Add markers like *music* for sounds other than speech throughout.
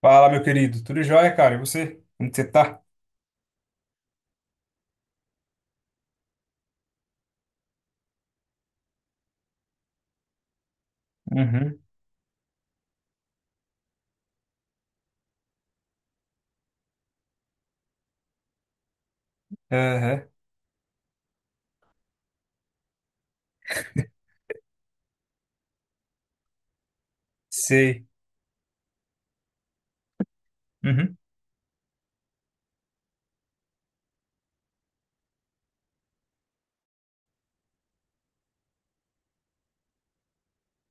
Fala, meu querido. Tudo jóia, cara? E você? Como que você tá? Uhum. Aham. Sei. Uhum.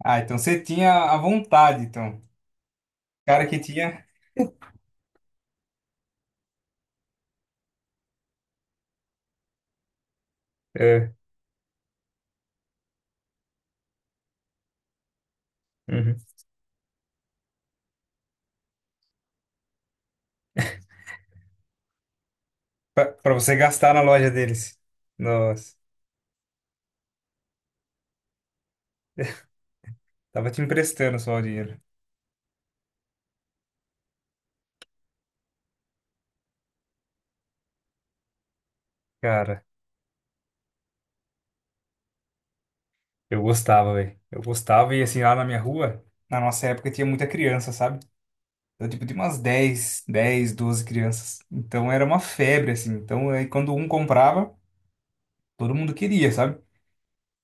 Ah, então você tinha a vontade, então. Cara que tinha. É. Uhum. Pra, pra você gastar na loja deles. Nossa. *laughs* Tava te emprestando só o dinheiro. Cara, eu gostava, velho. Eu gostava e assim, lá na minha rua, na nossa época tinha muita criança, sabe? Então, tipo, tinha umas dez 12 crianças. Então era uma febre, assim. Então aí quando um comprava, todo mundo queria, sabe?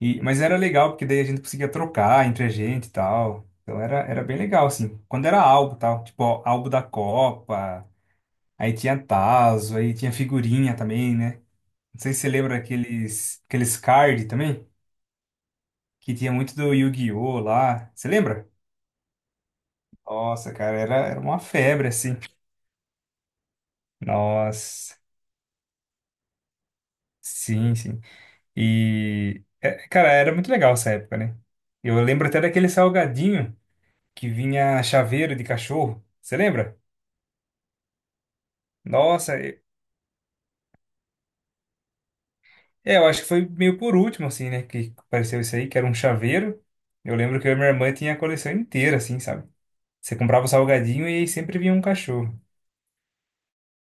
E, mas era legal, porque daí a gente conseguia trocar entre a gente e tal. Então era bem legal, assim. Quando era álbum e tal, tipo, ó, álbum da Copa, aí tinha tazo, aí tinha figurinha também, né? Não sei se você lembra aqueles card também, que tinha muito do Yu-Gi-Oh! Lá. Você lembra? Nossa, cara, era uma febre, assim. Nossa, sim, sim. E, é, cara, era muito legal essa época, né? Eu lembro até daquele salgadinho que vinha chaveiro de cachorro. Você lembra? Nossa, é, eu acho que foi meio por último, assim, né? Que apareceu isso aí, que era um chaveiro. Eu lembro que eu e minha irmã tinha a coleção inteira, assim, sabe? Você comprava o salgadinho e aí sempre vinha um cachorro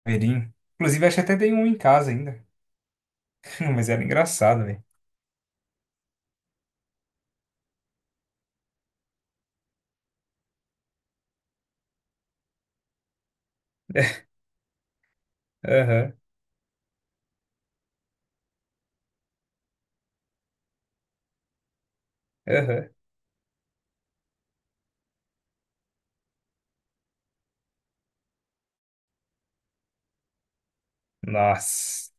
verinho. Inclusive, acho que até tem um em casa ainda. *laughs* Mas era engraçado, velho. Aham, aham. Nossa.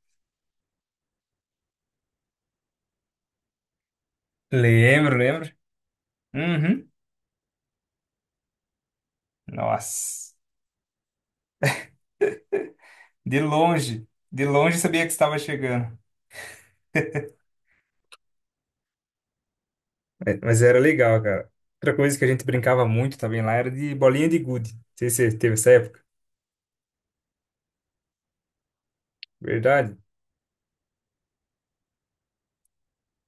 Lembro, lembro. Uhum. Nossa. De longe sabia que estava chegando. É, mas era legal, cara. Outra coisa que a gente brincava muito também lá era de bolinha de gude. Não sei se você teve essa época. Verdade?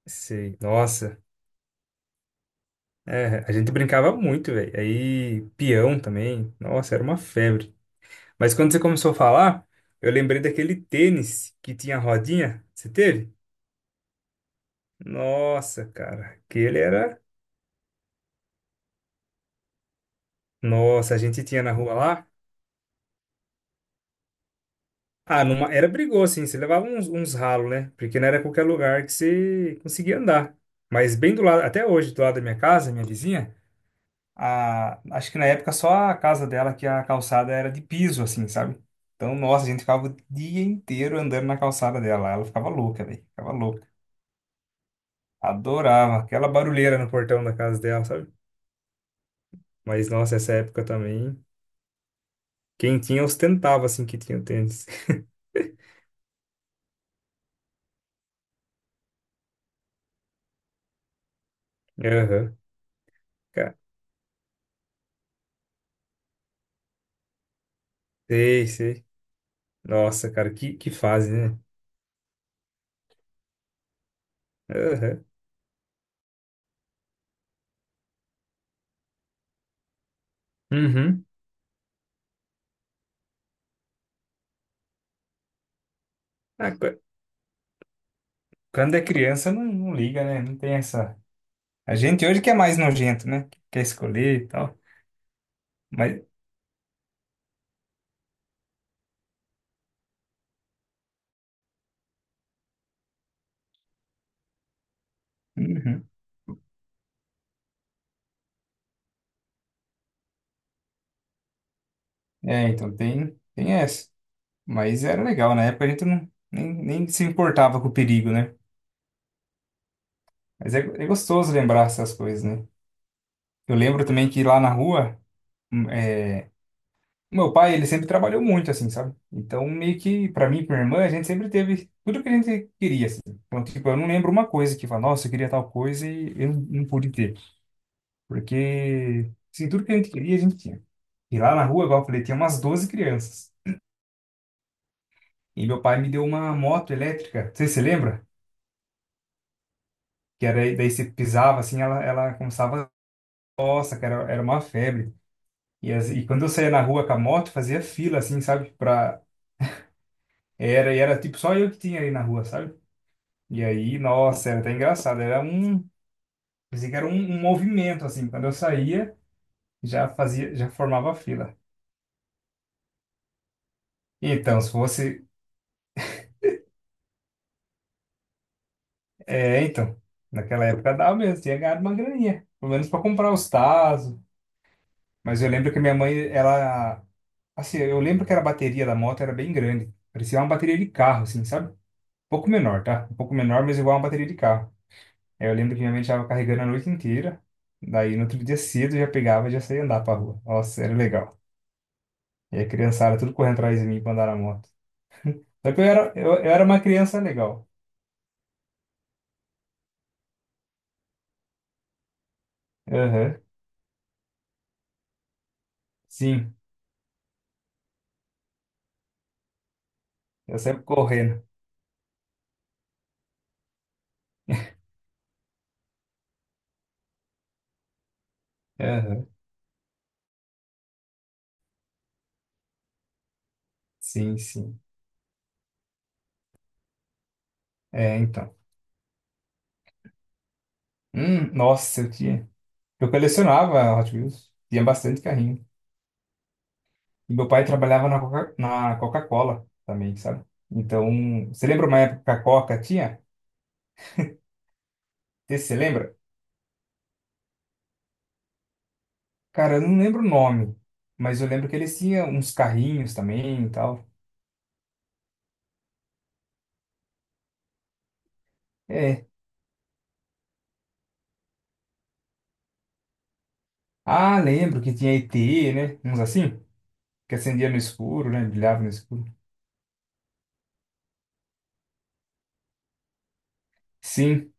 Sei. Nossa. É, a gente brincava muito, velho. Aí, peão também. Nossa, era uma febre. Mas quando você começou a falar, eu lembrei daquele tênis que tinha rodinha. Você teve? Nossa, cara. Aquele era. Nossa, a gente tinha na rua lá. Ah, era brigou, assim. Você levava uns ralos, né? Porque não era qualquer lugar que você conseguia andar. Mas bem do lado, até hoje, do lado da minha casa, minha vizinha. Acho que na época só a casa dela que a calçada era de piso, assim, sabe? Então, nossa, a gente ficava o dia inteiro andando na calçada dela. Ela ficava louca, velho. Ficava louca. Adorava aquela barulheira no portão da casa dela, sabe? Mas, nossa, essa época também. Quem tinha ostentava, assim, que tinha o tênis. *laughs* Aham. Cara, sei, sei. Nossa, cara, que fase, né? Aham. Uhum. Ah, quando é criança, não, não liga, né? Não tem essa. A gente hoje que é mais nojento, né? Quer escolher e tal. Mas, uhum. É, então tem, tem essa. Mas era legal, na época a gente não, nem, nem se importava com o perigo, né? Mas é, é gostoso lembrar essas coisas, né? Eu lembro também que lá na rua, é, meu pai, ele sempre trabalhou muito, assim, sabe? Então, meio que, pra mim e pra minha irmã, a gente sempre teve tudo que a gente queria, assim. Então, tipo, eu não lembro uma coisa que fala, nossa, eu queria tal coisa e eu não, não pude ter. Porque, assim, tudo que a gente queria, a gente tinha. E lá na rua, igual eu falei, tinha umas 12 crianças. E meu pai me deu uma moto elétrica, não sei se você lembra? Que era, daí você pisava assim, ela começava, nossa, cara, era uma febre. E quando eu saía na rua com a moto, fazia fila assim, sabe? Era, e era tipo só eu que tinha ali na rua, sabe? E aí, nossa, era até engraçado, pensei que era um movimento assim, quando eu saía, já fazia, já formava fila. Então, se fosse, é, então, naquela época dava mesmo, tinha ganhado uma graninha, pelo menos para comprar os tazos. Mas eu lembro que minha mãe, ela. Assim, eu lembro que era a bateria da moto era bem grande. Parecia uma bateria de carro, assim, sabe? Um pouco menor, tá? Um pouco menor, mas igual uma bateria de carro. Aí eu lembro que minha mãe estava carregando a noite inteira. Daí no outro dia cedo eu já pegava e já saía andar pra rua. Nossa, era legal. E a criançada tudo correndo atrás de mim pra andar na moto. Só que eu era, eu era uma criança legal. Aham, sim. Eu sempre correndo. Aham, sim, sim. É, então. Nossa, eu tinha. Eu colecionava Hot Wheels. Tinha bastante carrinho. E meu pai trabalhava na Coca-Cola também, sabe? Então, você lembra uma época que a Coca tinha? Você se lembra? Cara, eu não lembro o nome, mas eu lembro que eles tinham uns carrinhos também e tal. É. Ah, lembro que tinha ET, né? Uns assim, que acendia no escuro, né? Brilhava no escuro. Sim,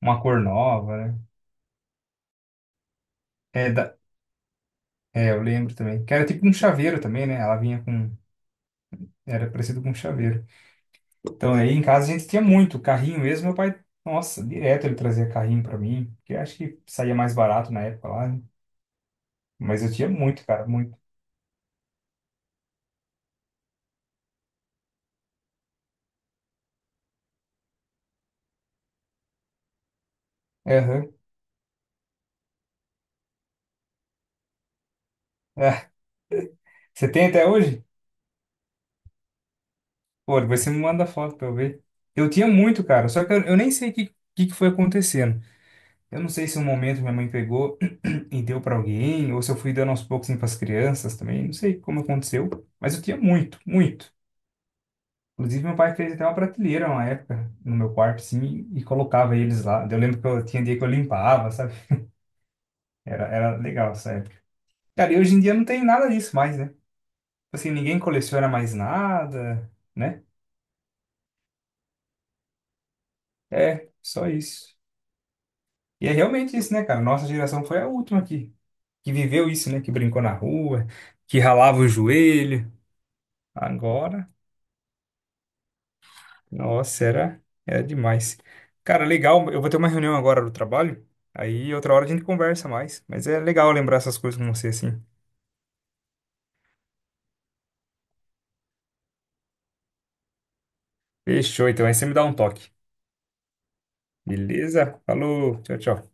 uma cor nova, né? É, da... é, eu lembro também. Que era tipo um chaveiro também, né? Ela vinha com. Era parecido com um chaveiro. Então aí em casa a gente tinha muito carrinho mesmo, meu pai, nossa, direto ele trazia carrinho pra mim, porque eu acho que saía mais barato na época lá, né? Mas eu tinha muito, cara, muito. Aham. *laughs* Ah, você tem até hoje? Pô, depois você me manda foto pra eu ver. Eu tinha muito, cara, só que eu nem sei o que, que foi acontecendo. Eu não sei se um momento minha mãe pegou *clears throat* e deu pra alguém, ou se eu fui dando aos poucos assim, pras crianças também, não sei como aconteceu, mas eu tinha muito, muito. Inclusive, meu pai fez até uma prateleira uma época no meu quarto, assim, e colocava eles lá. Eu lembro que eu tinha dia que eu limpava, sabe? Era, era legal essa época. Cara, e hoje em dia não tem nada disso mais, né? Tipo. Assim, ninguém coleciona mais nada, né? É, só isso. E é realmente isso, né, cara? Nossa geração foi a última que viveu isso, né? Que brincou na rua, que ralava o joelho. Agora. Nossa, era, era demais. Cara, legal. Eu vou ter uma reunião agora do trabalho. Aí outra hora a gente conversa mais. Mas é legal lembrar essas coisas com você, assim. Fechou, então. Aí você me dá um toque. Beleza? Falou. Tchau, tchau.